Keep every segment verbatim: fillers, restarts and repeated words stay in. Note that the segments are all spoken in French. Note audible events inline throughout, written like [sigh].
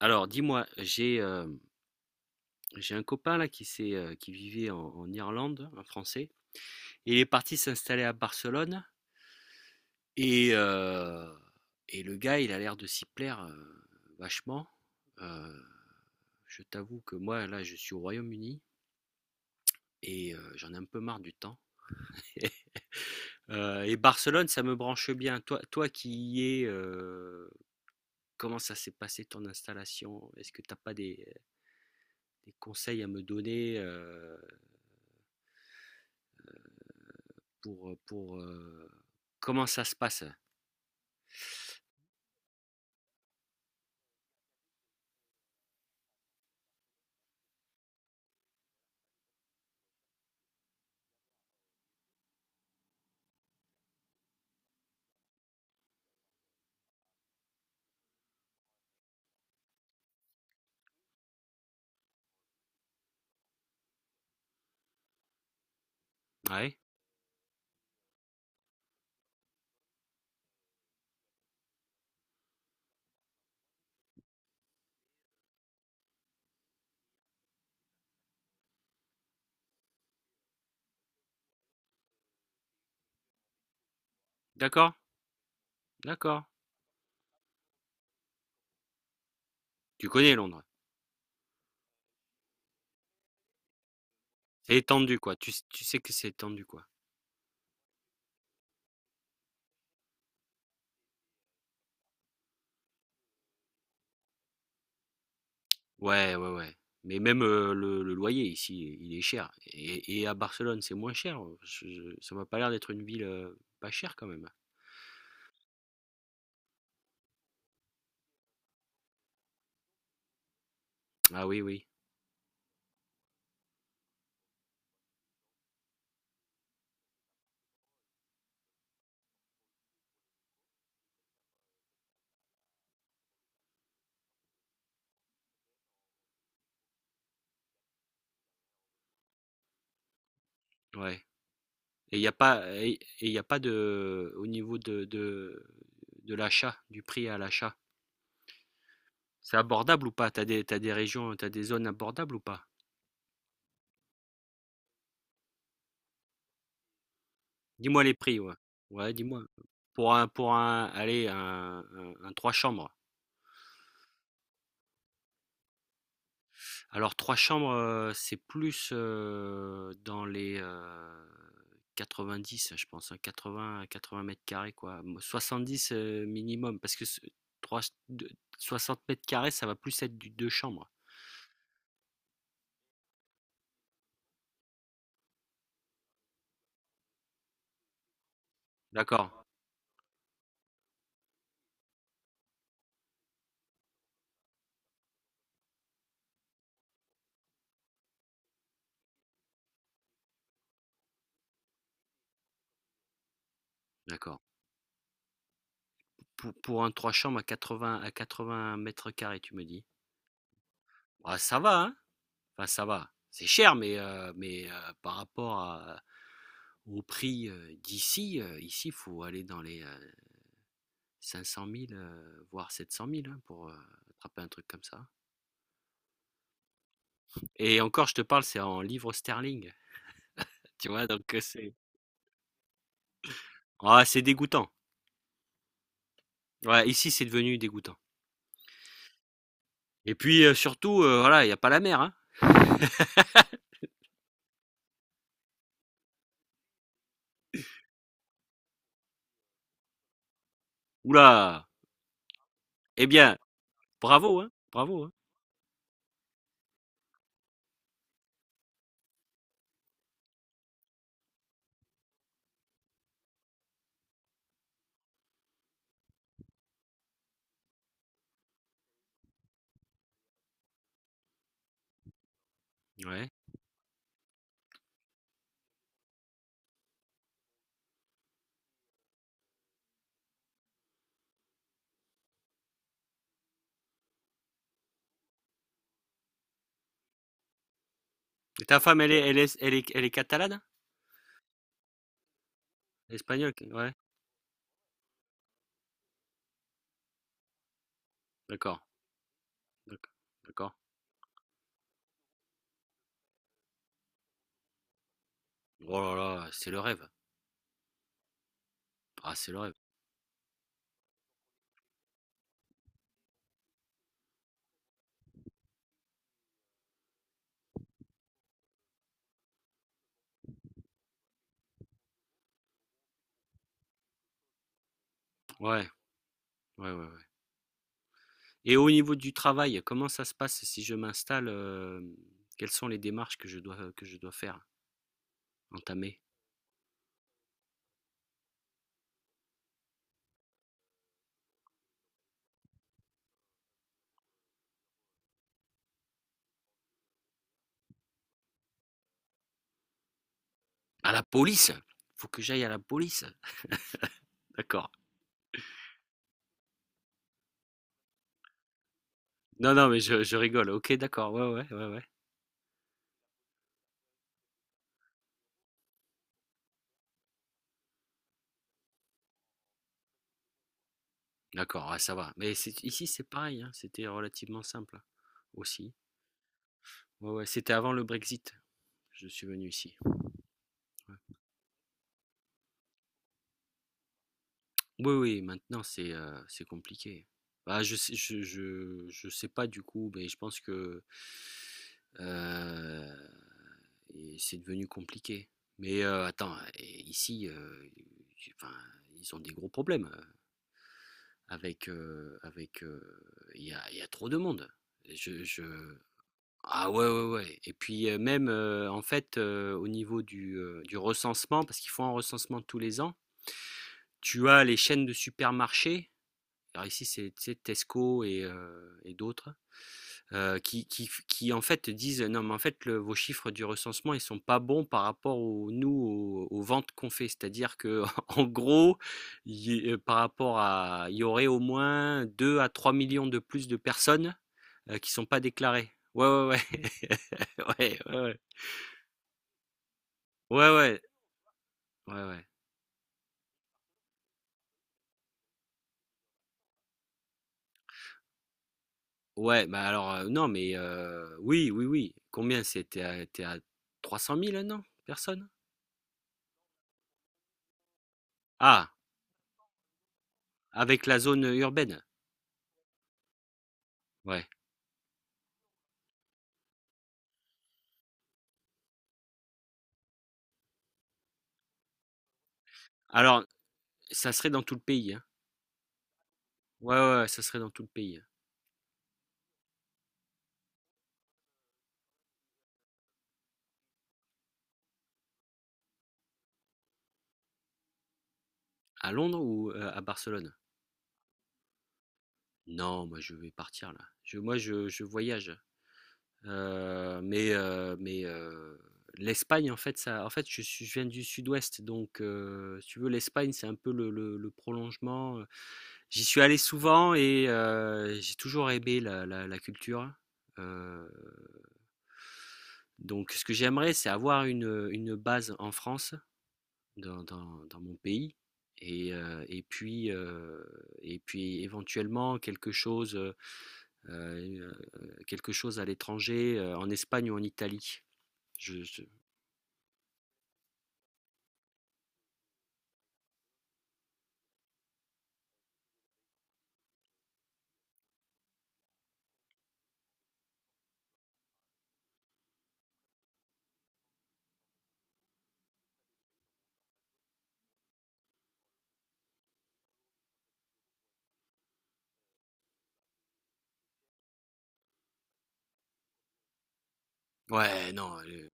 Alors, dis-moi, j'ai euh, j'ai un copain là qui s'est euh, qui vivait en, en Irlande, un Français, et il est parti s'installer à Barcelone et euh, et le gars, il a l'air de s'y plaire euh, vachement. Euh, je t'avoue que moi là, je suis au Royaume-Uni et euh, j'en ai un peu marre du temps. [laughs] Euh, et Barcelone, ça me branche bien. Toi, toi qui y es, euh, comment ça s'est passé ton installation? Est-ce que t'as pas des, des conseils à me donner? euh, pour, euh, pour euh, comment ça se passe, hein? Ouais, d'accord, d'accord. Tu connais Londres. C'est étendu, quoi. Tu, tu sais que c'est étendu, quoi. Ouais, ouais, ouais. Mais même euh, le, le loyer ici, il est cher. Et, et à Barcelone, c'est moins cher. Je- je- ça m'a pas l'air d'être une ville euh, pas chère quand même. Ah oui, oui. Ouais. Et il n'y a pas, et il a pas de, au niveau de, de, de l'achat, du prix à l'achat. C'est abordable ou pas? T'as des, t'as des régions, t'as des zones abordables ou pas? Dis-moi les prix, ouais. Ouais, dis-moi. Pour un, pour un, allez, un, un, un trois chambres. Alors, trois chambres, euh, c'est plus euh, dans les euh, quatre-vingt-dix, je pense, hein, quatre-vingts quatre-vingts mètres carrés, quoi. Mo- soixante-dix euh, minimum, parce que ce- trois- deux- soixante mètres carrés, ça va plus être du deux chambres. D'accord, d'accord. Pour, pour un trois chambres à quatre-vingts, à quatre-vingts mètres carrés, tu me dis. Ah, ça va, hein? Enfin, ça va. C'est cher, mais, euh, mais euh, par rapport à- au prix euh, d'ici, euh, ici, il faut aller dans les euh, cinq cent mille, euh, voire sept cent mille, hein, pour euh, attraper un truc comme ça. Et encore, je te parle, c'est en livres sterling. Tu vois, donc euh, c'est ah, c'est dégoûtant. Ouais, ici, c'est devenu dégoûtant. Et puis, euh, surtout, euh, voilà, il n'y a pas la mer, hein. Oula! Eh bien, bravo, hein, bravo, hein. Ouais. Et ta femme, elle est, elle est, elle est, elle est catalane? Espagnole? Ouais, d'accord. D'accord. d'accord. Oh là là, c'est le rêve. Ah, c'est le rêve. Ouais, ouais, ouais, ouais. Et au niveau du travail, comment ça se passe si je m'installe, euh, quelles sont les démarches que je dois, que je dois faire, entamer? À la police? Faut que j'aille à la police. D'accord. Non, non, mais je, je rigole. Ok, d'accord. Ouais, ouais, ouais, ouais. D'accord, ouais, ça va. Mais c'est- ici, c'est pareil, hein, c'était relativement simple hein, aussi. Ouais, ouais, c'était avant le Brexit. Je suis venu ici. Oui, oui, maintenant c'est euh, c'est compliqué. Bah, je sais, je, je, je sais pas du coup, mais je pense que euh, et c'est devenu compliqué. Mais euh, attends, et ici, euh, j'ai- enfin, ils ont des gros problèmes euh, avec euh, avec. euh, Il y a, il y a trop de monde. Je, je... Ah, ouais, ouais, ouais. Et puis euh, même euh, en fait, euh, au niveau du, euh, du recensement, parce qu'ils font un recensement tous les ans, tu as les chaînes de supermarchés, alors ici, c'est Tesco et, euh, et d'autres, euh, qui, qui, qui, en fait, disent non, mais en fait le- vos chiffres du recensement ils sont pas bons par rapport au, nous aux, aux ventes qu'on fait. C'est-à-dire que [laughs] en gros, y- euh, par rapport à, il y aurait au moins deux à trois millions de plus de personnes euh, qui sont pas déclarées. Ouais, ouais, ouais, [laughs] ouais, ouais, ouais, ouais, ouais, ouais. Ouais, ouais bah alors euh, non, mais euh, oui, oui, oui. Combien c'était à, t'es à trois cent mille, non? Personnes. Ah, avec la zone urbaine? Ouais. Alors, ça serait dans tout le pays, hein. Ouais, ouais, ouais, ça serait dans tout le pays, hein. À Londres ou heu, à Barcelone? Non, moi, je vais partir là. Je moi, je je voyage, heu, mais heu, mais heu, l'Espagne, en fait, ça en fait, je suis je viens du sud-ouest, donc heu, si tu veux, l'Espagne, c'est un peu le le le prolongement, j'y suis allé souvent et heu, j'ai toujours aimé la la la culture, heu donc ce que j'aimerais, c'est avoir une, une base en France dans, dans, dans mon pays. Et, euh, et, puis, euh, et puis éventuellement quelque chose, euh, euh, quelque chose à l'étranger, euh, en Espagne ou en Italie. Je, je- Ouais, non, euh,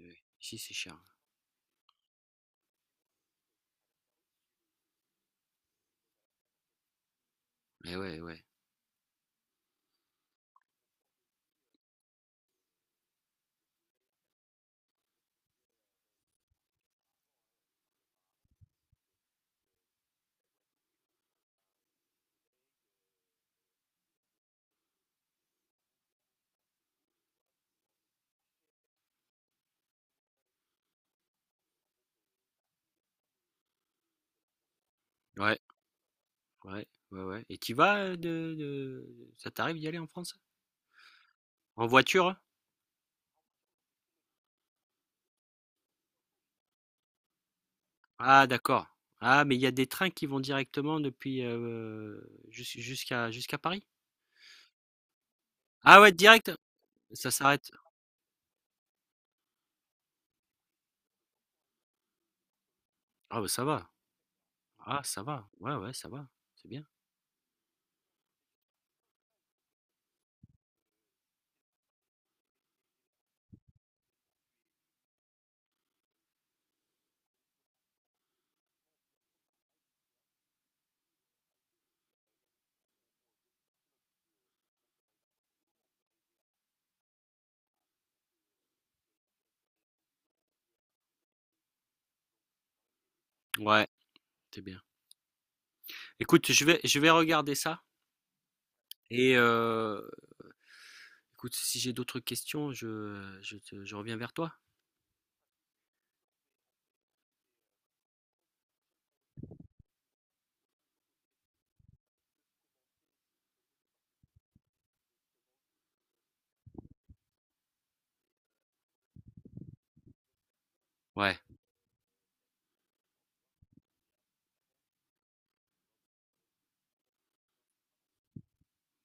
euh, ici c'est cher. Mais ouais, ouais, ouais, ouais, ouais, ouais. Et tu vas euh, de, de... ça t'arrive d'y aller en France? En voiture? Ah, d'accord. Ah, mais il y a des trains qui vont directement depuis euh, jus- jusqu'à jusqu'à Paris. Ah ouais, direct. Ça s'arrête. Ah bah ça va. Ah ça va, ouais, ouais, ça va, c'est bien. Ouais, c'est bien. Écoute, je vais, je vais regarder ça et euh, écoute, si j'ai d'autres questions, je, je, te- je reviens vers toi. Ouais,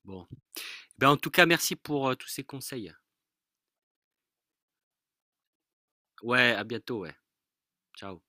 bon. Ben, en tout cas, merci pour euh, tous ces conseils. Ouais, à bientôt, ouais. Ciao.